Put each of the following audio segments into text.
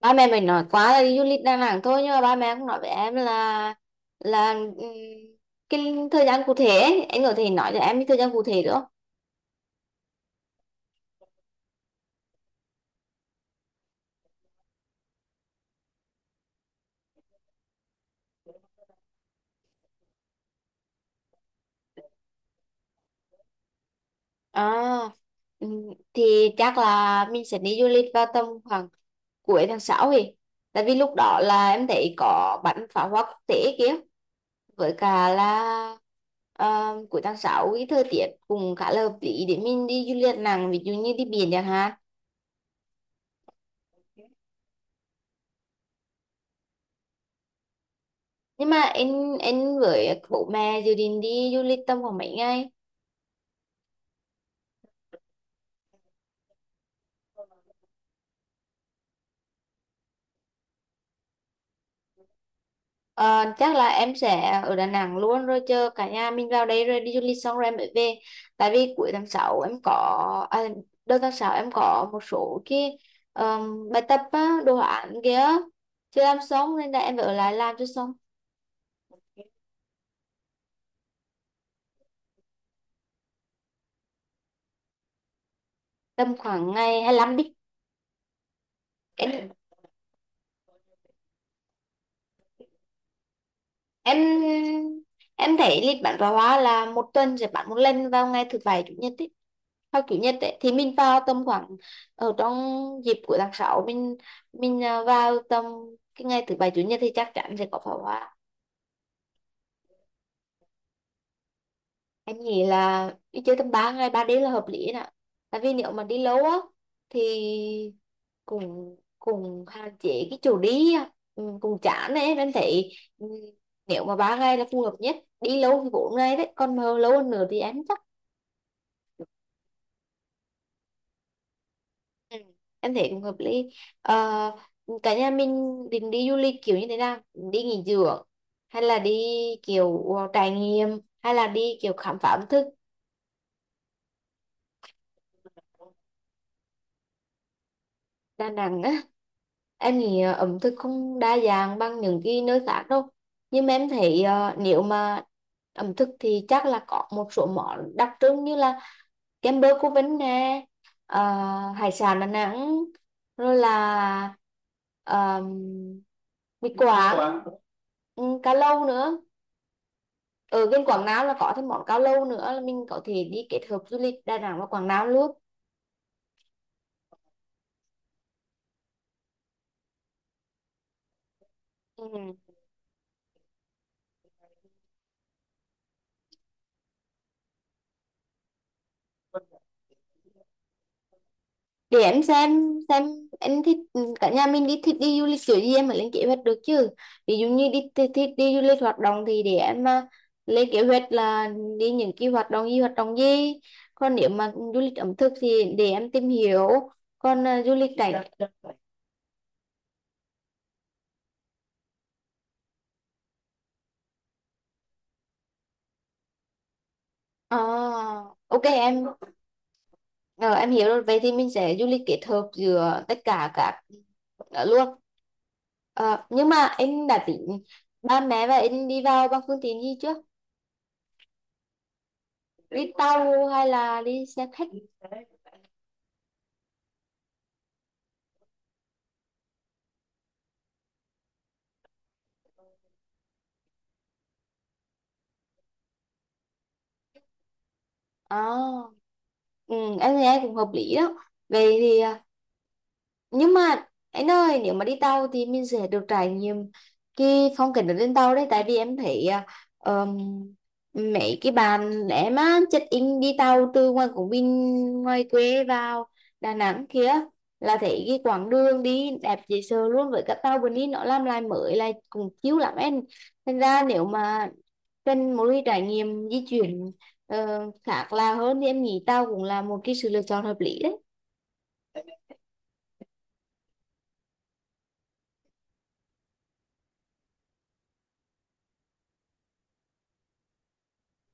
Ba mẹ mình nói quá là đi du lịch Đà Nẵng thôi, nhưng mà ba mẹ cũng nói với em là cái thời gian cụ thể ấy. Anh có thể nói cho em cái thời gian cụ thể được không? À, thì chắc là mình sẽ đi du lịch vào tầm khoảng cuối tháng sáu, thì tại vì lúc đó là em thấy có bắn pháo hoa quốc tế kia. Với cả là cuối tháng 6 cái thời tiết cũng khá là hợp lý để mình đi du lịch Đà Nẵng, ví dụ như đi biển chẳng hạn. Nhưng mà em với bố mẹ dự định đi du lịch tầm khoảng mấy ngày? Ờ, chắc là em sẽ ở Đà Nẵng luôn rồi chờ cả nhà mình vào đây, rồi đi du lịch xong rồi em mới về. Tại vì cuối tháng 6 em có à, đầu tháng 6 em có một số cái bài tập á, đồ án kia chưa làm xong nên là em phải ở lại làm cho xong. Tầm khoảng ngày hai lăm đi. Em em em thấy lịch bán pháo hoa là một tuần sẽ bán một lần vào ngày thứ bảy chủ nhật ấy, hoặc chủ nhật ấy, thì mình vào tầm khoảng ở trong dịp của tháng 6, mình vào tầm cái ngày thứ bảy chủ nhật thì chắc chắn sẽ có pháo hoa. Em nghĩ là đi chơi tầm 3 ngày 3 đêm là hợp lý nè. Tại vì nếu mà đi lâu á thì cũng cũng hạn chế cái chỗ đi á. Ừ, cũng chán ấy em thấy. Ừ, nếu mà ba ngày là phù hợp nhất, đi lâu thì bốn ngày đấy, còn mà lâu hơn nữa thì em chắc. Ừ, em thấy cũng hợp lý. Ờ, cả nhà mình định đi du lịch kiểu như thế nào? Đi nghỉ dưỡng, hay là đi kiểu trải nghiệm, hay là đi kiểu khám phá ẩm thực? Đà Nẵng á, em nghĩ ẩm thực không đa dạng bằng những cái nơi khác đâu. Nhưng mà em thấy nếu mà ẩm thực thì chắc là có một số món đặc trưng, như là kem bơ cô Vinh nè, ờ, hải sản Đà Nẵng, rồi là um, mì Quảng, ừ, cá lâu nữa. Ở bên Quảng Nam là có thêm món cá lâu nữa, là mình có thể đi kết hợp du lịch Đà Nẵng và Quảng Nam luôn. Ừ. Để em xem em thích, cả nhà mình đi thích đi du lịch kiểu gì em phải lên kế hoạch được chứ. Ví dụ như đi thích đi du lịch hoạt động thì để em mà lên kế hoạch là đi những cái hoạt động gì, hoạt động gì. Còn nếu mà du lịch ẩm thực thì để em tìm hiểu. Còn à, du lịch cảnh. Ờ, ok em. Ờ, em hiểu rồi, vậy thì mình sẽ du lịch kết hợp giữa tất cả các đó luôn. Ờ, nhưng mà em đã tính ba mẹ và em đi vào bằng phương tiện gì chưa? Đi tàu hay là đi xe khách? À, ừ, em thấy em cũng hợp lý đó. Vậy thì nhưng mà anh ơi, nếu mà đi tàu thì mình sẽ được trải nghiệm cái phong cảnh ở trên tàu đấy. Tại vì em thấy ờm, mấy cái bạn em á check in đi tàu từ ngoài Quảng Bình, ngoài quê vào Đà Nẵng kia, là thấy cái quãng đường đi đẹp dễ sợ luôn. Với cả tàu bên đi nó làm lại mới lại cũng chiếu lắm em. Thành ra nếu mà cần một cái trải nghiệm di chuyển khác là hơn thì em nghĩ tàu cũng là một cái sự lựa chọn hợp lý đấy.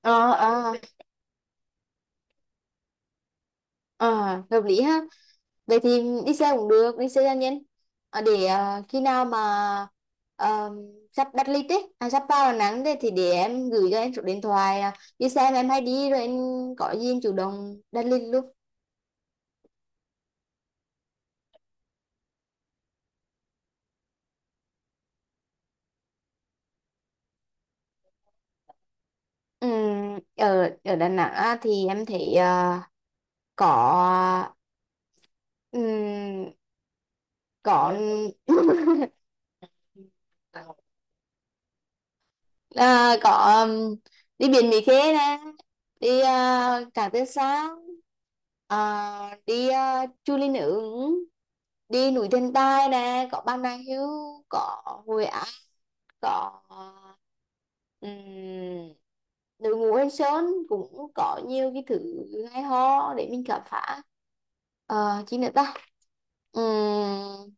Ờ, ờ, ờ, hợp lý ha. Vậy thì đi xe cũng được, đi xe cá nhân. Ờ, để khi nào mà ờ, sắp đặt lịch ấy, à, sắp vào Đà Nẵng đấy, thì để em gửi cho em số điện thoại đi xe mà em hay đi, rồi em có gì em chủ động đặt lịch luôn. Ở ở Đà Nẵng á, thì em thấy có, ừm, có có, um, đi biển Mỹ Khê nè, đi Cảng Tiên Sa, đi Chu Linh Ứng, đi núi Thần Tài nè, có Bà Nà Hills, có Hội An, có um, đội ngũ Anh Sơn, cũng có nhiều cái thứ hay ho để mình khám phá. Ờ, chi nữa ta. Ừm,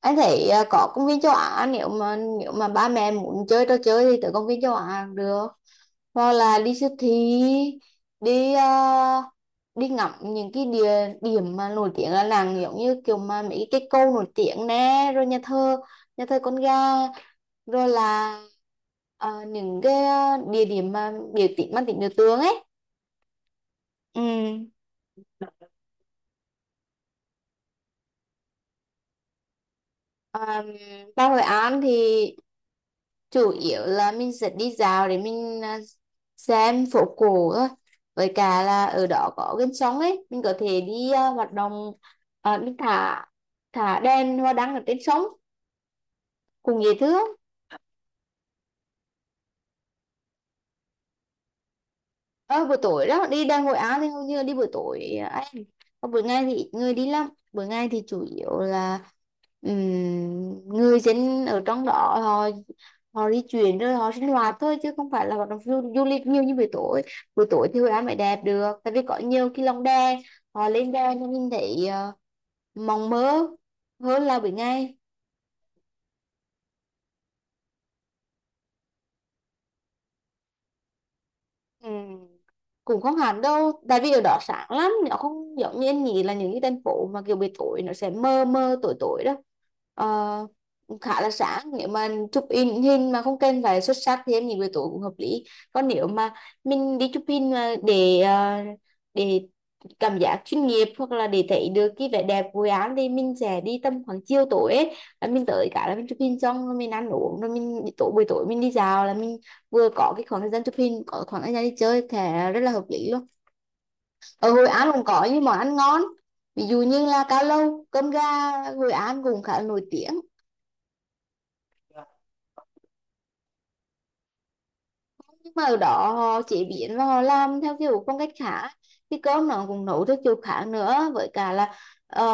anh thấy có công viên châu Á, nếu mà ba mẹ muốn chơi trò chơi thì tới công viên châu Á cũng được. Hoặc là đi siêu thị, đi đi ngắm những cái địa điểm mà nổi tiếng là nàng, giống như kiểu mà mấy cái câu nổi tiếng nè, rồi nhà thờ, nhà thờ con gà, rồi là những cái địa điểm mà biểu tượng, mang tính biểu tượng ấy. Ừ. À, vào Hội An thì chủ yếu là mình sẽ đi dạo để mình xem phố cổ thôi. Với cả là ở đó có gần sông ấy, mình có thể đi hoạt động, mình thả thả đèn hoa đăng ở trên sông, cùng dễ thương. Ờ, buổi tối đó đi đang hội Á thì hầu như là đi buổi tối à, anh. Còn buổi ngày thì ít người đi lắm. Buổi ngày thì chủ yếu là người dân ở trong đó họ họ đi chuyển rồi họ sinh hoạt thôi, chứ không phải là hoạt động du lịch nhiều như buổi tối. Buổi tối thì Hội An mới đẹp được, tại vì có nhiều cái lồng đè, họ lên đè nên nhìn thấy mộng mơ hơn là buổi ngày. Ừ. Cũng không hẳn đâu, tại vì ở đó sáng lắm, nó không giống như anh nghĩ là những cái thành phố mà kiểu buổi tối nó sẽ mơ mơ tối tối đó. Ờ, khá là sáng, nếu mà chụp in hình mà không cần phải xuất sắc thì em nghĩ buổi tối cũng hợp lý. Còn nếu mà mình đi chụp hình mà để cảm giác chuyên nghiệp, hoặc là để thấy được cái vẻ đẹp của án, thì mình sẽ đi tầm khoảng chiều tối ấy. Là mình tới, cả là mình chụp hình xong rồi mình ăn uống, rồi mình tối buổi tối mình đi dạo, là mình vừa có cái khoảng thời gian chụp hình, có khoảng thời gian đi chơi thì rất là hợp lý luôn. Ở Hội An cũng có những món ăn ngon, ví dụ như là cao lầu, cơm gà Hội An cũng khá là nổi tiếng. Nhưng mà ở đó họ chế biến và họ làm theo kiểu phong cách khác, cái cơm nó cũng nấu theo kiểu khác nữa. Với cả là ờ,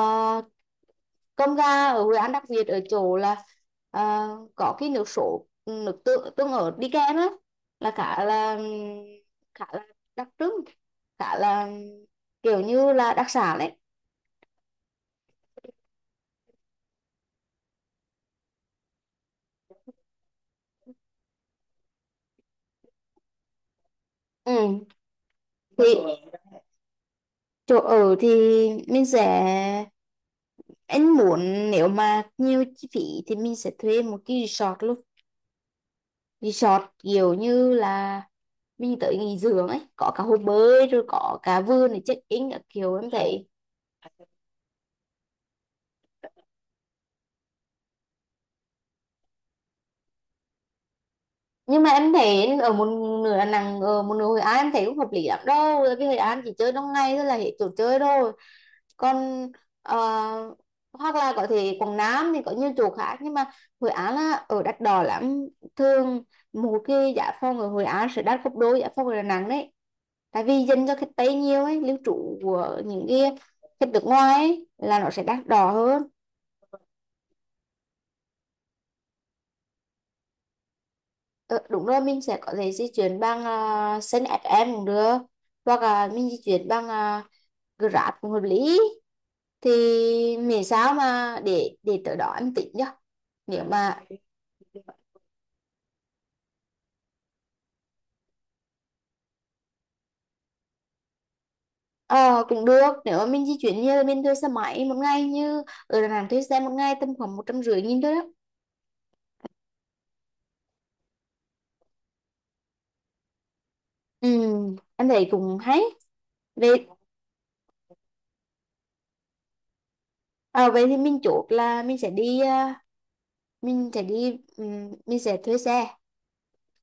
cơm gà ở Hội An đặc biệt ở chỗ là ờ, có cái nước sốt, nước tương, tương ớt đi kèm á, là khá là, khá là đặc trưng, khá là kiểu như là đặc sản đấy. Ừ. Thì chỗ ở thì mình sẽ, anh muốn nếu mà nhiều chi phí thì mình sẽ thuê một cái resort luôn. Resort kiểu như là mình tới nghỉ dưỡng ấy, có cả hồ bơi rồi có cả vườn để check in các kiểu em thấy. Nhưng mà em thấy ở một nửa Đà Nẵng, ở một nửa Hội An em thấy cũng hợp lý lắm đâu, tại vì Hội An chỉ chơi trong ngày thôi là hết chỗ chơi rồi. Còn ờ, hoặc là có thể Quảng Nam thì có nhiều chỗ khác, nhưng mà Hội An là ở đắt đỏ lắm. Thường một cái giá phòng ở Hội An sẽ đắt gấp đôi giá phòng ở Đà Nẵng đấy, tại vì dành cho khách Tây nhiều ấy, lưu trú của những cái khách nước ngoài ấy, là nó sẽ đắt đỏ hơn. Ờ, đúng rồi, mình sẽ có thể di chuyển bằng xe ép em cũng được, hoặc là mình di chuyển bằng Grab cũng hợp lý. Thì miễn sao mà để tới đó em tính nhá. Nếu mà, ờ cũng được, nếu mà mình di chuyển như là mình thuê xe máy một ngày, như ở Đà Nẵng thuê xe một ngày tầm khoảng một trăm rưỡi nghìn thôi đó. Ừ, anh thấy cũng hay. Vậy à, vậy thì mình chốt là mình sẽ đi à, mình sẽ đi mình sẽ thuê xe,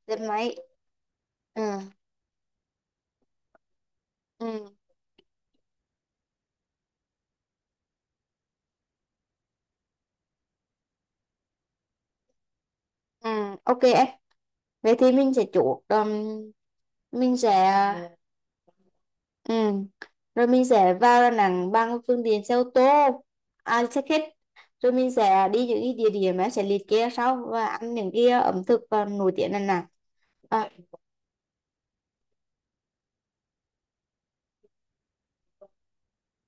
xe máy. Ừ, ừ, ừ, ok em. Vậy thì mình sẽ chốt mình sẽ. Ừ. Rồi mình sẽ vào Đà Nẵng bằng phương tiện xe ô tô, à, xe khách. Rồi mình sẽ đi những cái địa điểm em sẽ liệt kê sau, và ăn những cái ẩm thực nổi tiếng Đà Nẵng. À,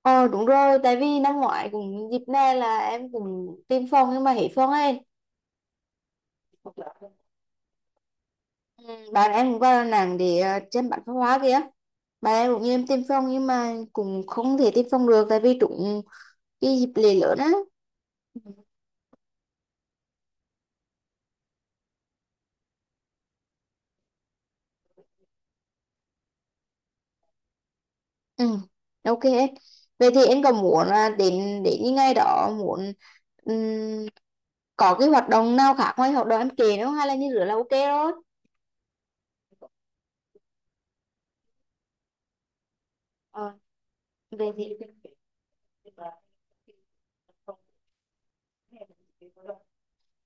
ờ đúng rồi, tại vì năm ngoái cũng dịp này là em cũng tìm phòng nhưng mà hết phòng ấy. Ừ, bạn em cũng vào Đà Nẵng để xem bắn pháo hoa kìa. Bạn em cũng như em tìm phòng nhưng mà cũng không thể tìm phòng được, tại vì trúng cái dịp lễ lớn á. Ừ. Ừ, ok hết. Vậy thì em có muốn là đến đến những ngày đó muốn ừm, có cái hoạt động nào khác ngoài hoạt động em kể nữa không? Hay là như rửa là ok rồi? Ờ, về thì,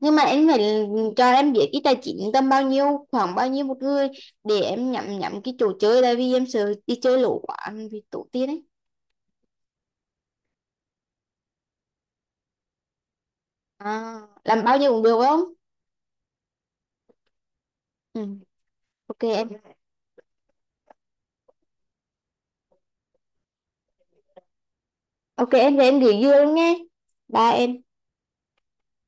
nhưng mà em phải cho em biết cái tài chính tầm bao nhiêu, khoảng bao nhiêu một người, để em nhắm nhắm cái chỗ chơi, tại vì em sợ đi chơi lỗ quá, vì tổ tiên ấy. À, làm bao nhiêu cũng được phải không? Ừ. Ok em. Ok em về em gửi dưa luôn nghe, ba em.